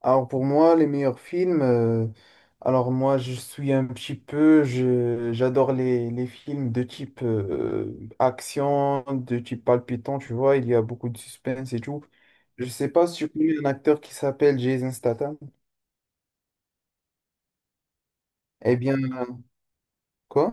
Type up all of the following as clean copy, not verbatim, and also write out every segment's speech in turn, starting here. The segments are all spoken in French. Alors pour moi, les meilleurs films, alors moi je suis un petit peu, j'adore les films de type action, de type palpitant, tu vois, il y a beaucoup de suspense et tout. Je sais pas si tu connais un acteur qui s'appelle Jason Statham. Eh bien, quoi?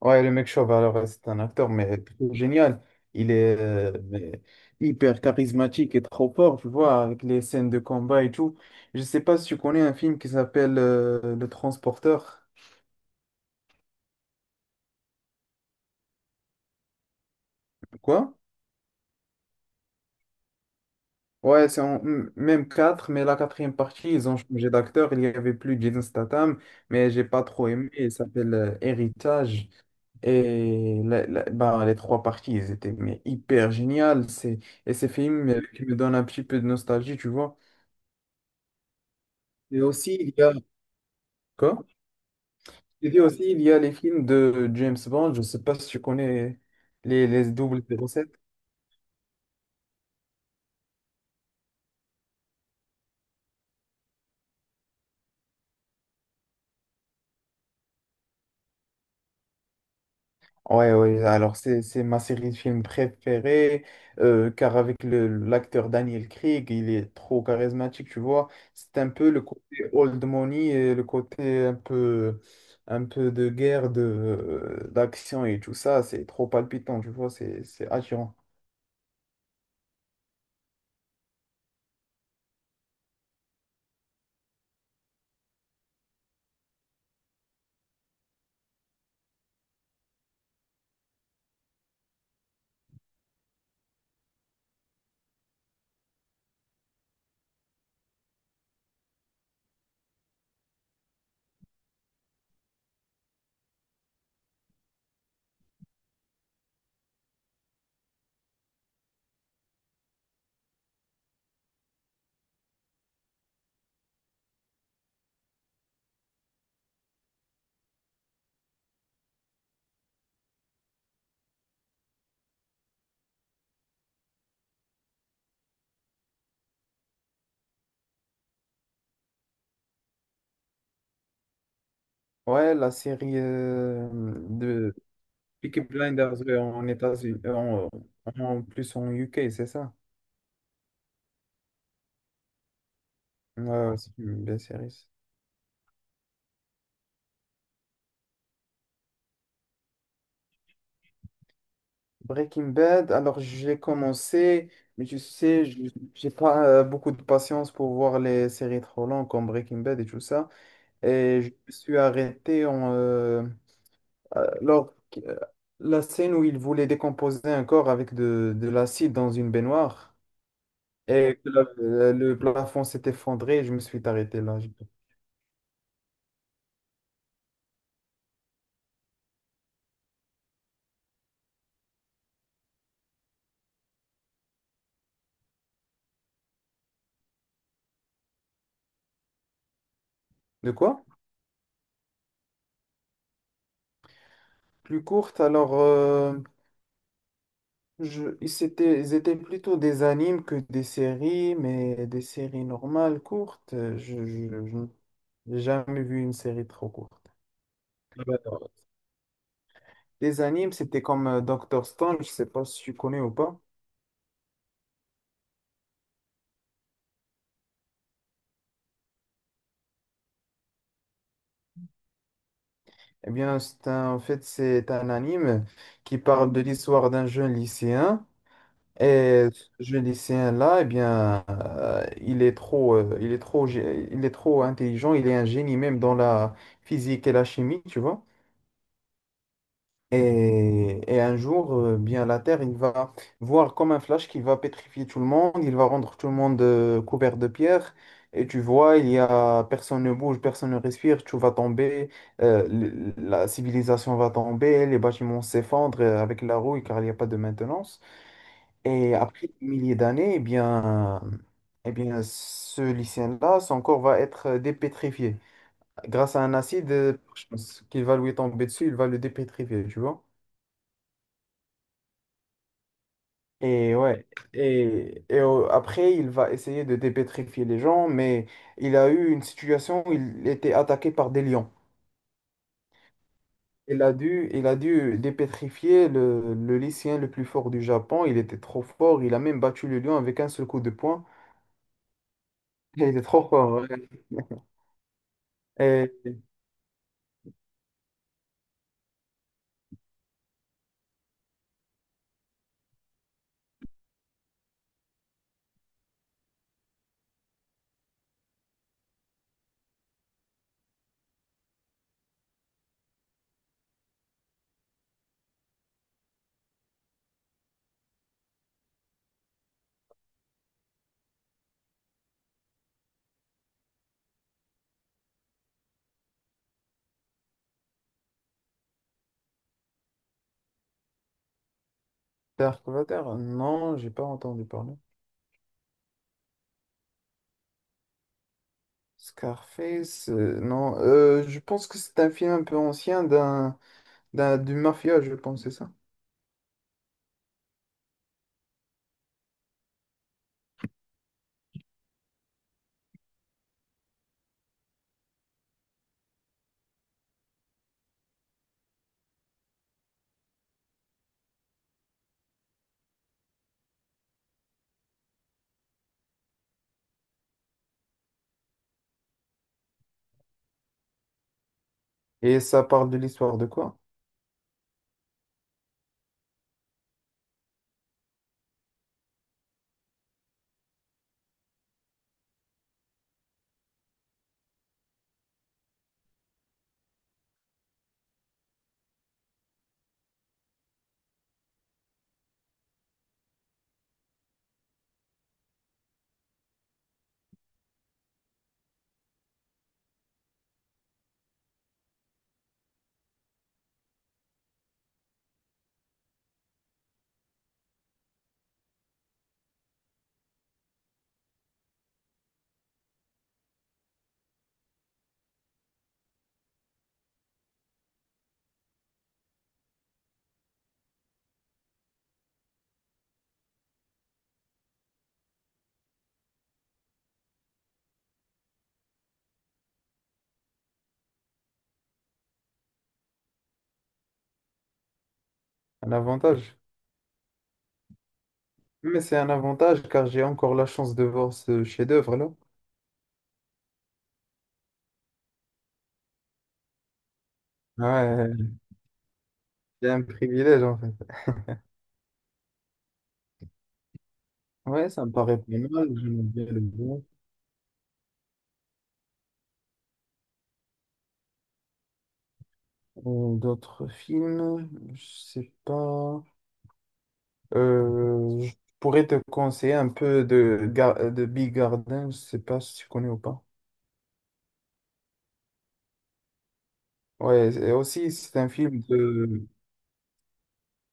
Ouais, le mec chauve, alors c'est un acteur, mais trop génial. Il est mais hyper charismatique et trop fort, tu vois, avec les scènes de combat et tout. Je sais pas si tu connais un film qui s'appelle Le Transporteur. Quoi? Ouais, c'est en même quatre, mais la quatrième partie, ils ont changé d'acteur. Il n'y avait plus Jason Statham, mais j'ai pas trop aimé. Il s'appelle Héritage. Et bah, les trois parties, ils étaient mais hyper géniales. C'est, et ces films qui me donnent un petit peu de nostalgie, tu vois. Et aussi, il y a... Quoi? Je dis aussi, il y a les films de James Bond. Je sais pas si tu connais les 007. Ouais, ouais, alors c'est ma série de films préférée, car avec le l'acteur Daniel Craig, il est trop charismatique, tu vois. C'est un peu le côté old money et le côté un peu de guerre, d'action et tout ça, c'est trop palpitant, tu vois, c'est attirant. Ouais, la série de Peaky Blinders en États-Unis, en, en plus en UK, c'est ça? Ouais, ouais, c'est une belle série. Breaking Bad, alors j'ai commencé, mais tu sais, j'ai pas beaucoup de patience pour voir les séries trop longues comme Breaking Bad et tout ça. Et je me suis arrêté en, lors la scène où il voulait décomposer un corps avec de l'acide dans une baignoire et que le plafond s'est effondré et je me suis arrêté là. J'ai- De quoi? Plus courte, alors je, ils étaient plutôt des animes que des séries, mais des séries normales, courtes. Je n'ai jamais vu une série trop courte. Ah bah, non. Des animes, c'était comme Dr. Stone, je sais pas si tu connais ou pas. Eh bien, en fait, c'est un anime qui parle de l'histoire d'un jeune lycéen. Et ce lycéen-là, eh bien, il est trop, gé- il est trop intelligent, il est un génie même dans la physique et la chimie, tu vois. Et un jour, bien, la Terre, il va voir comme un flash qu'il va pétrifier tout le monde, il va rendre tout le monde couvert de pierre. Et tu vois, il y a personne ne bouge, personne ne respire, tout va tomber, la civilisation va tomber, les bâtiments s'effondrent avec la rouille car il n'y a pas de maintenance. Et après des milliers d'années, eh bien, ce lycéen-là, son corps va être dépétrifié. Grâce à un acide, je pense qu'il va lui tomber dessus, il va le dépétrifier, tu vois. Et ouais, après, il va essayer de dépétrifier les gens, mais il a eu une situation où il était attaqué par des lions. Il a dû dépétrifier le lycéen le plus fort du Japon. Il était trop fort. Il a même battu le lion avec un seul coup de poing. Il était trop fort. Ouais. Dark Vader? Non, j'ai pas entendu parler. Scarface? Non, je pense que c'est un film un peu ancien du mafia, je pense, c'est ça. Et ça parle de l'histoire de quoi? Un avantage. Mais c'est un avantage car j'ai encore la chance de voir ce chef-d'œuvre-là. Ouais, c'est un privilège en fait. Ouais, ça me paraît pas mal, j'aime bien le bon. D'autres films, je sais pas. Je pourrais te conseiller un peu de, de Big Garden, je sais pas si tu connais ou pas. Ouais, et aussi c'est un film de...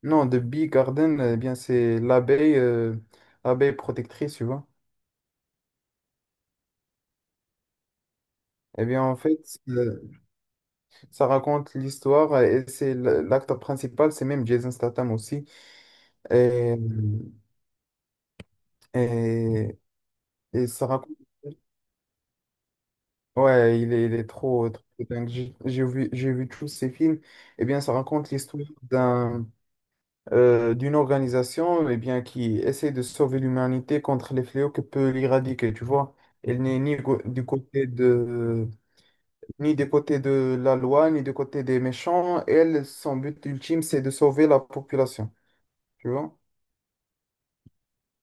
Non, de Big Garden, eh bien c'est l'abeille abeille protectrice, tu vois. Eh bien en fait, ça raconte l'histoire et l'acteur principal, c'est même Jason Statham aussi. Et, et, et ça raconte... Ouais, il est trop, trop dingue. J'ai vu tous ces films. Eh bien, ça raconte l'histoire d'un... d'une organisation, eh bien, qui essaie de sauver l'humanité contre les fléaux que peut l'éradiquer, tu vois. Elle n'est ni go- du côté de, ni du côté de la loi, ni du côté des méchants. Elle, son but ultime, c'est de sauver la population, tu vois.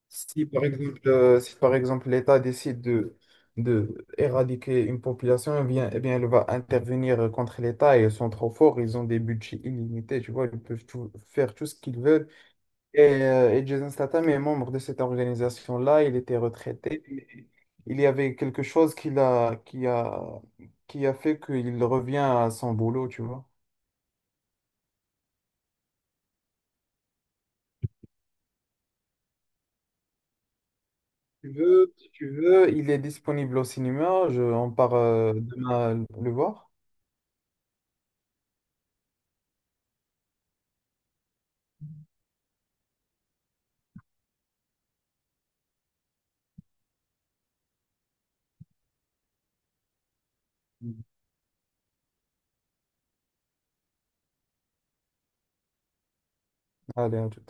Si par exemple l'État décide de éradiquer une population, eh bien, elle va intervenir contre l'État et ils sont trop forts, ils ont des budgets illimités, tu vois, ils peuvent faire tout ce qu'ils veulent. Et Jason Statham est membre de cette organisation-là. Il était retraité, mais il y avait quelque chose qui a fait qu'il revient à son boulot, tu vois. Tu veux, si tu veux, il est disponible au cinéma. Je, on part demain le voir. Allez, à tout.